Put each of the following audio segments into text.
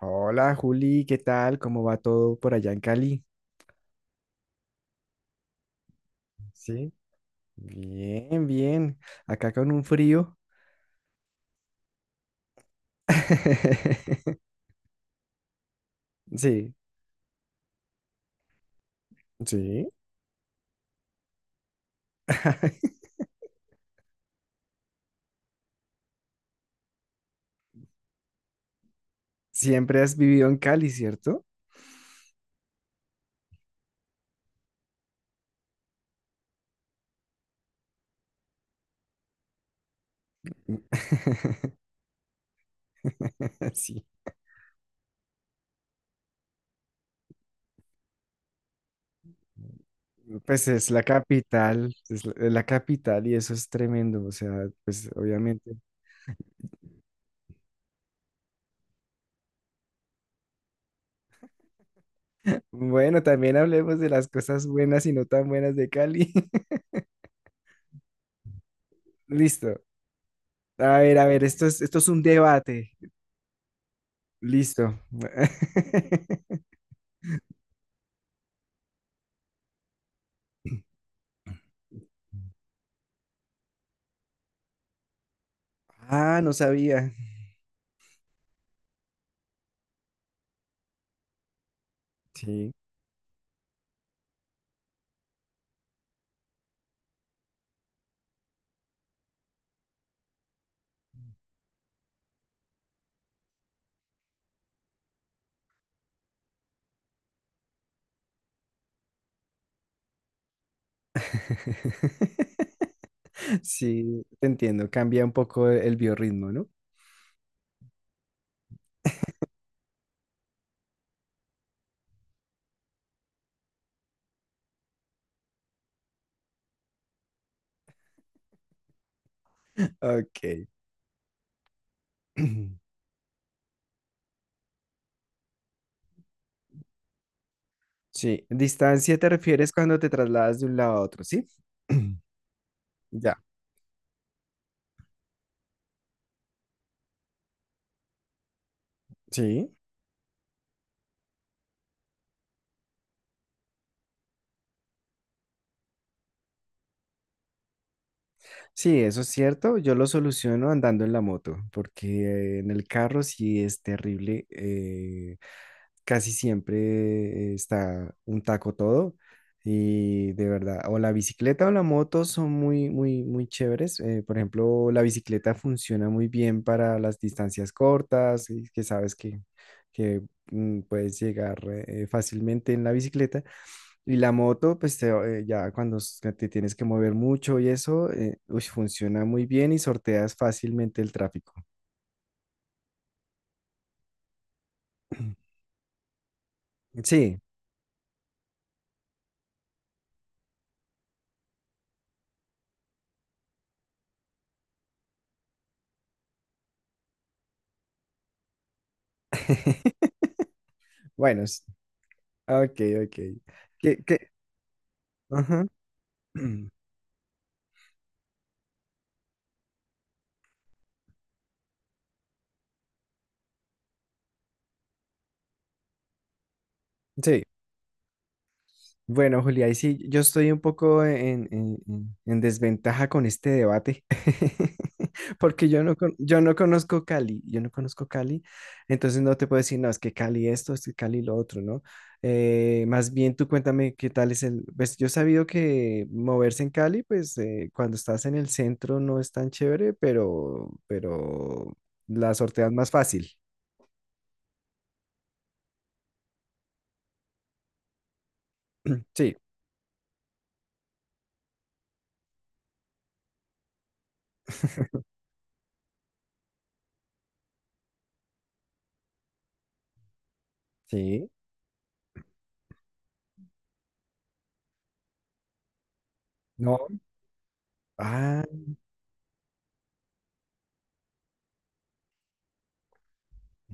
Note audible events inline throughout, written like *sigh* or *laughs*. Hola Juli, ¿qué tal? ¿Cómo va todo por allá en Cali? Sí, bien, bien. Acá con un frío. *laughs* Sí, sí. Siempre has vivido en Cali, ¿cierto? *laughs* Sí. Pues es la capital, es la capital y eso es tremendo. O sea, pues obviamente. Bueno, también hablemos de las cosas buenas y no tan buenas de Cali. *laughs* Listo. A ver, esto es un debate. Listo. *laughs* Ah, no sabía. Sí. *laughs* Sí, te entiendo. Cambia un poco el biorritmo, ¿no? Ok. *clears throat* Sí, distancia te refieres cuando te trasladas de un lado a otro, ¿sí? *clears throat* Ya. Sí, sí, eso es cierto. Yo lo soluciono andando en la moto, porque en el carro sí es terrible. Casi siempre está un taco todo y de verdad, o la bicicleta o la moto son muy, muy, muy chéveres. Por ejemplo, la bicicleta funciona muy bien para las distancias cortas, y que sabes que, que puedes llegar fácilmente en la bicicleta. Y la moto, pues ya cuando te tienes que mover mucho y eso, uy, funciona muy bien y sorteas fácilmente el tráfico. *clears throat* Sí. *laughs* Bueno, ah, ok, ok. ¿Qué, qué? Ajá. *clears throat* Sí. Bueno, Julia, ahí sí, yo estoy un poco en desventaja con este debate, *laughs* porque yo no conozco Cali, yo no conozco Cali, entonces no te puedo decir, no, es que Cali esto, es que Cali lo otro, ¿no? Más bien tú cuéntame qué tal es el, pues yo he sabido que moverse en Cali, pues cuando estás en el centro no es tan chévere, pero la sorteas más fácil. *clears throat* Sí, sí. No. Ah,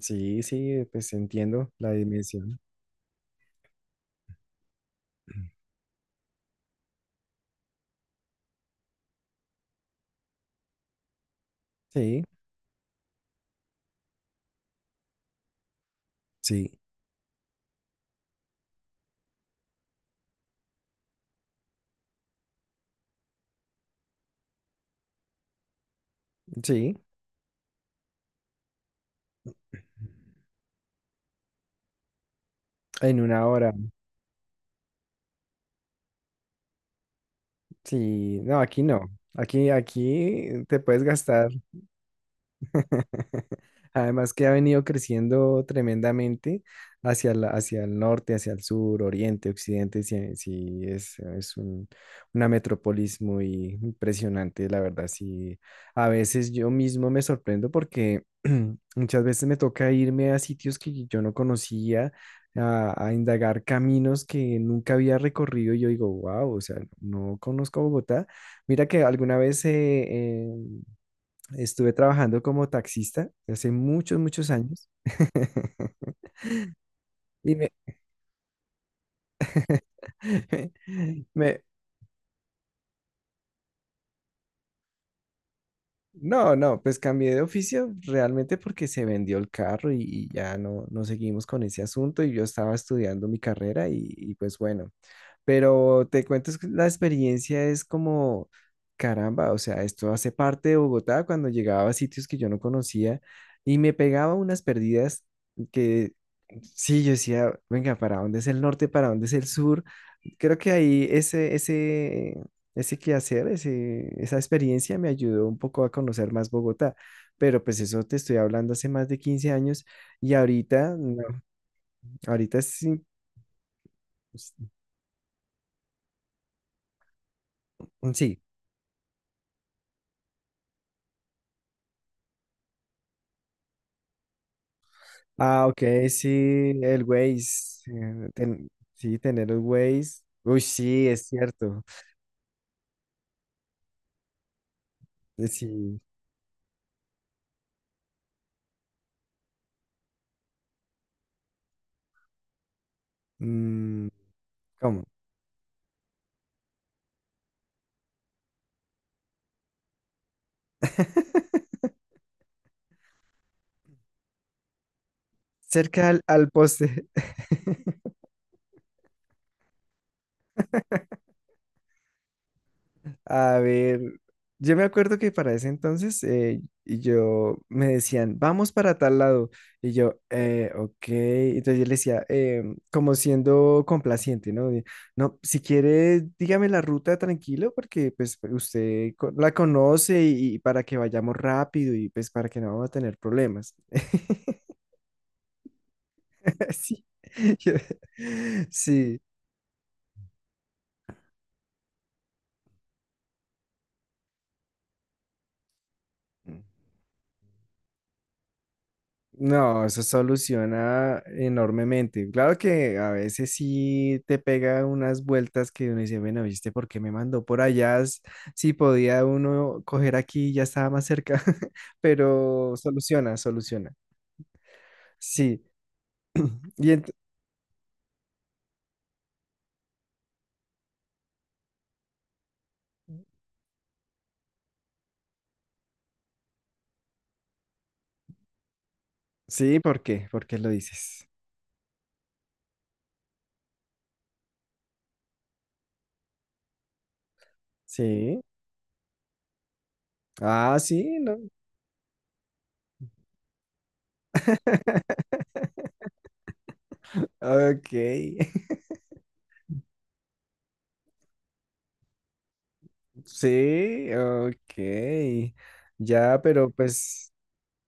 sí, sí, pues entiendo la dimensión. Sí, sí, sí. En una hora. Sí, no, aquí no. Aquí te puedes gastar. *laughs* Además que ha venido creciendo tremendamente hacia el norte, hacia el sur, oriente, occidente, sí, sí, es una metrópolis muy impresionante, la verdad, sí. A veces yo mismo me sorprendo porque *clears throat* muchas veces me toca irme a sitios que yo no conocía, a indagar caminos que nunca había recorrido y yo digo, wow, o sea, no conozco Bogotá. Mira que alguna vez eh, estuve trabajando como taxista hace muchos, muchos años. *laughs* Y me, *laughs* me- no, no, pues cambié de oficio realmente porque se vendió el carro y ya no seguimos con ese asunto y yo estaba estudiando mi carrera y pues bueno. Pero te cuento es que la experiencia es como, caramba, o sea, esto hace parte de Bogotá cuando llegaba a sitios que yo no conocía y me pegaba unas perdidas que sí, yo decía, venga, ¿para dónde es el norte? ¿Para dónde es el sur? Creo que ahí ese quehacer, esa experiencia me ayudó un poco a conocer más Bogotá. Pero pues eso te estoy hablando hace más de 15 años y ahorita, no, ahorita sí, sí, ah, ok, sí, el Waze. Sí, tener el Waze. Uy, sí, es cierto. Sí. mm, ¿Cómo? *laughs* Cerca al poste. *laughs* A ver, yo me acuerdo que para ese entonces y yo me decían, vamos para tal lado. Y yo, ok. Entonces yo le decía, como siendo complaciente, ¿no? No, si quiere, dígame la ruta tranquilo, porque pues usted la conoce y para que vayamos rápido y pues para que no vamos a tener problemas. *laughs* Sí. *laughs* Yo- sí. No, eso soluciona enormemente. Claro que a veces sí te pega unas vueltas que uno dice, bueno, ¿viste por qué me mandó por allá? Si podía uno coger aquí, ya estaba más cerca, *laughs* pero soluciona, soluciona. Sí, y sí, ¿por qué? ¿Por qué lo dices? Sí. Ah, sí, no. *laughs* Ok. *laughs* Sí, ok. Ya, pero pues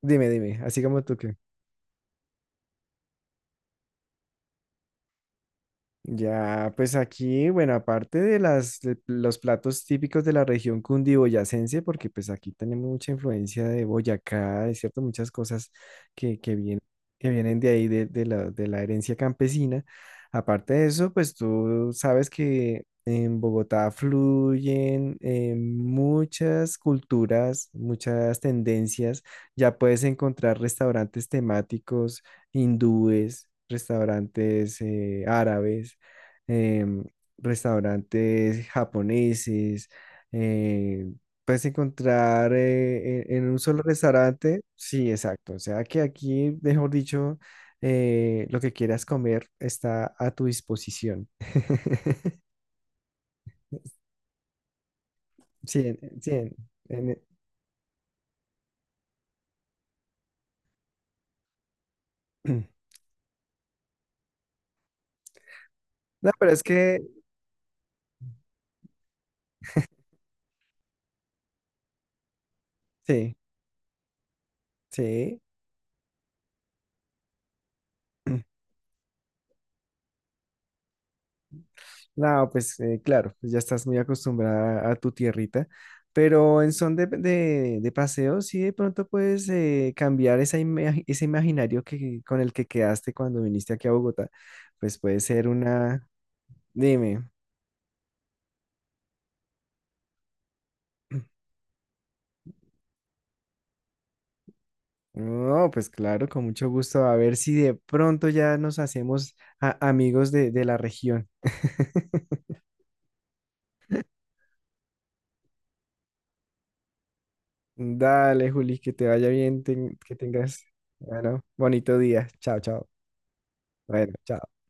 dime, dime, así como tú que. Ya, pues aquí, bueno, aparte de los platos típicos de la región cundiboyacense, porque pues aquí tenemos mucha influencia de Boyacá, es cierto, muchas cosas que, que, vienen, que vienen de ahí, de la herencia campesina. Aparte de eso, pues tú sabes que en Bogotá fluyen muchas culturas, muchas tendencias. Ya puedes encontrar restaurantes temáticos hindúes, restaurantes árabes em, restaurantes japoneses, eh, puedes encontrar en un solo restaurante, sí, exacto, o sea que aquí, mejor dicho, lo que quieras comer está a tu disposición. *laughs* Sí, sí, en- *clears throat* no, pero es que, sí, sí. *clears throat* No, pues claro, pues ya estás muy acostumbrada a tu tierrita, pero en son de paseo, sí de pronto puedes cambiar esa ese imaginario que, con el que quedaste cuando viniste aquí a Bogotá, pues puede ser una, dime, no, pues claro, con mucho gusto, a ver si de pronto ya nos hacemos amigos de la región. *laughs* Dale, Juli, que te vaya bien, que tengas, bueno, bonito día, chao, chao, bueno, chao.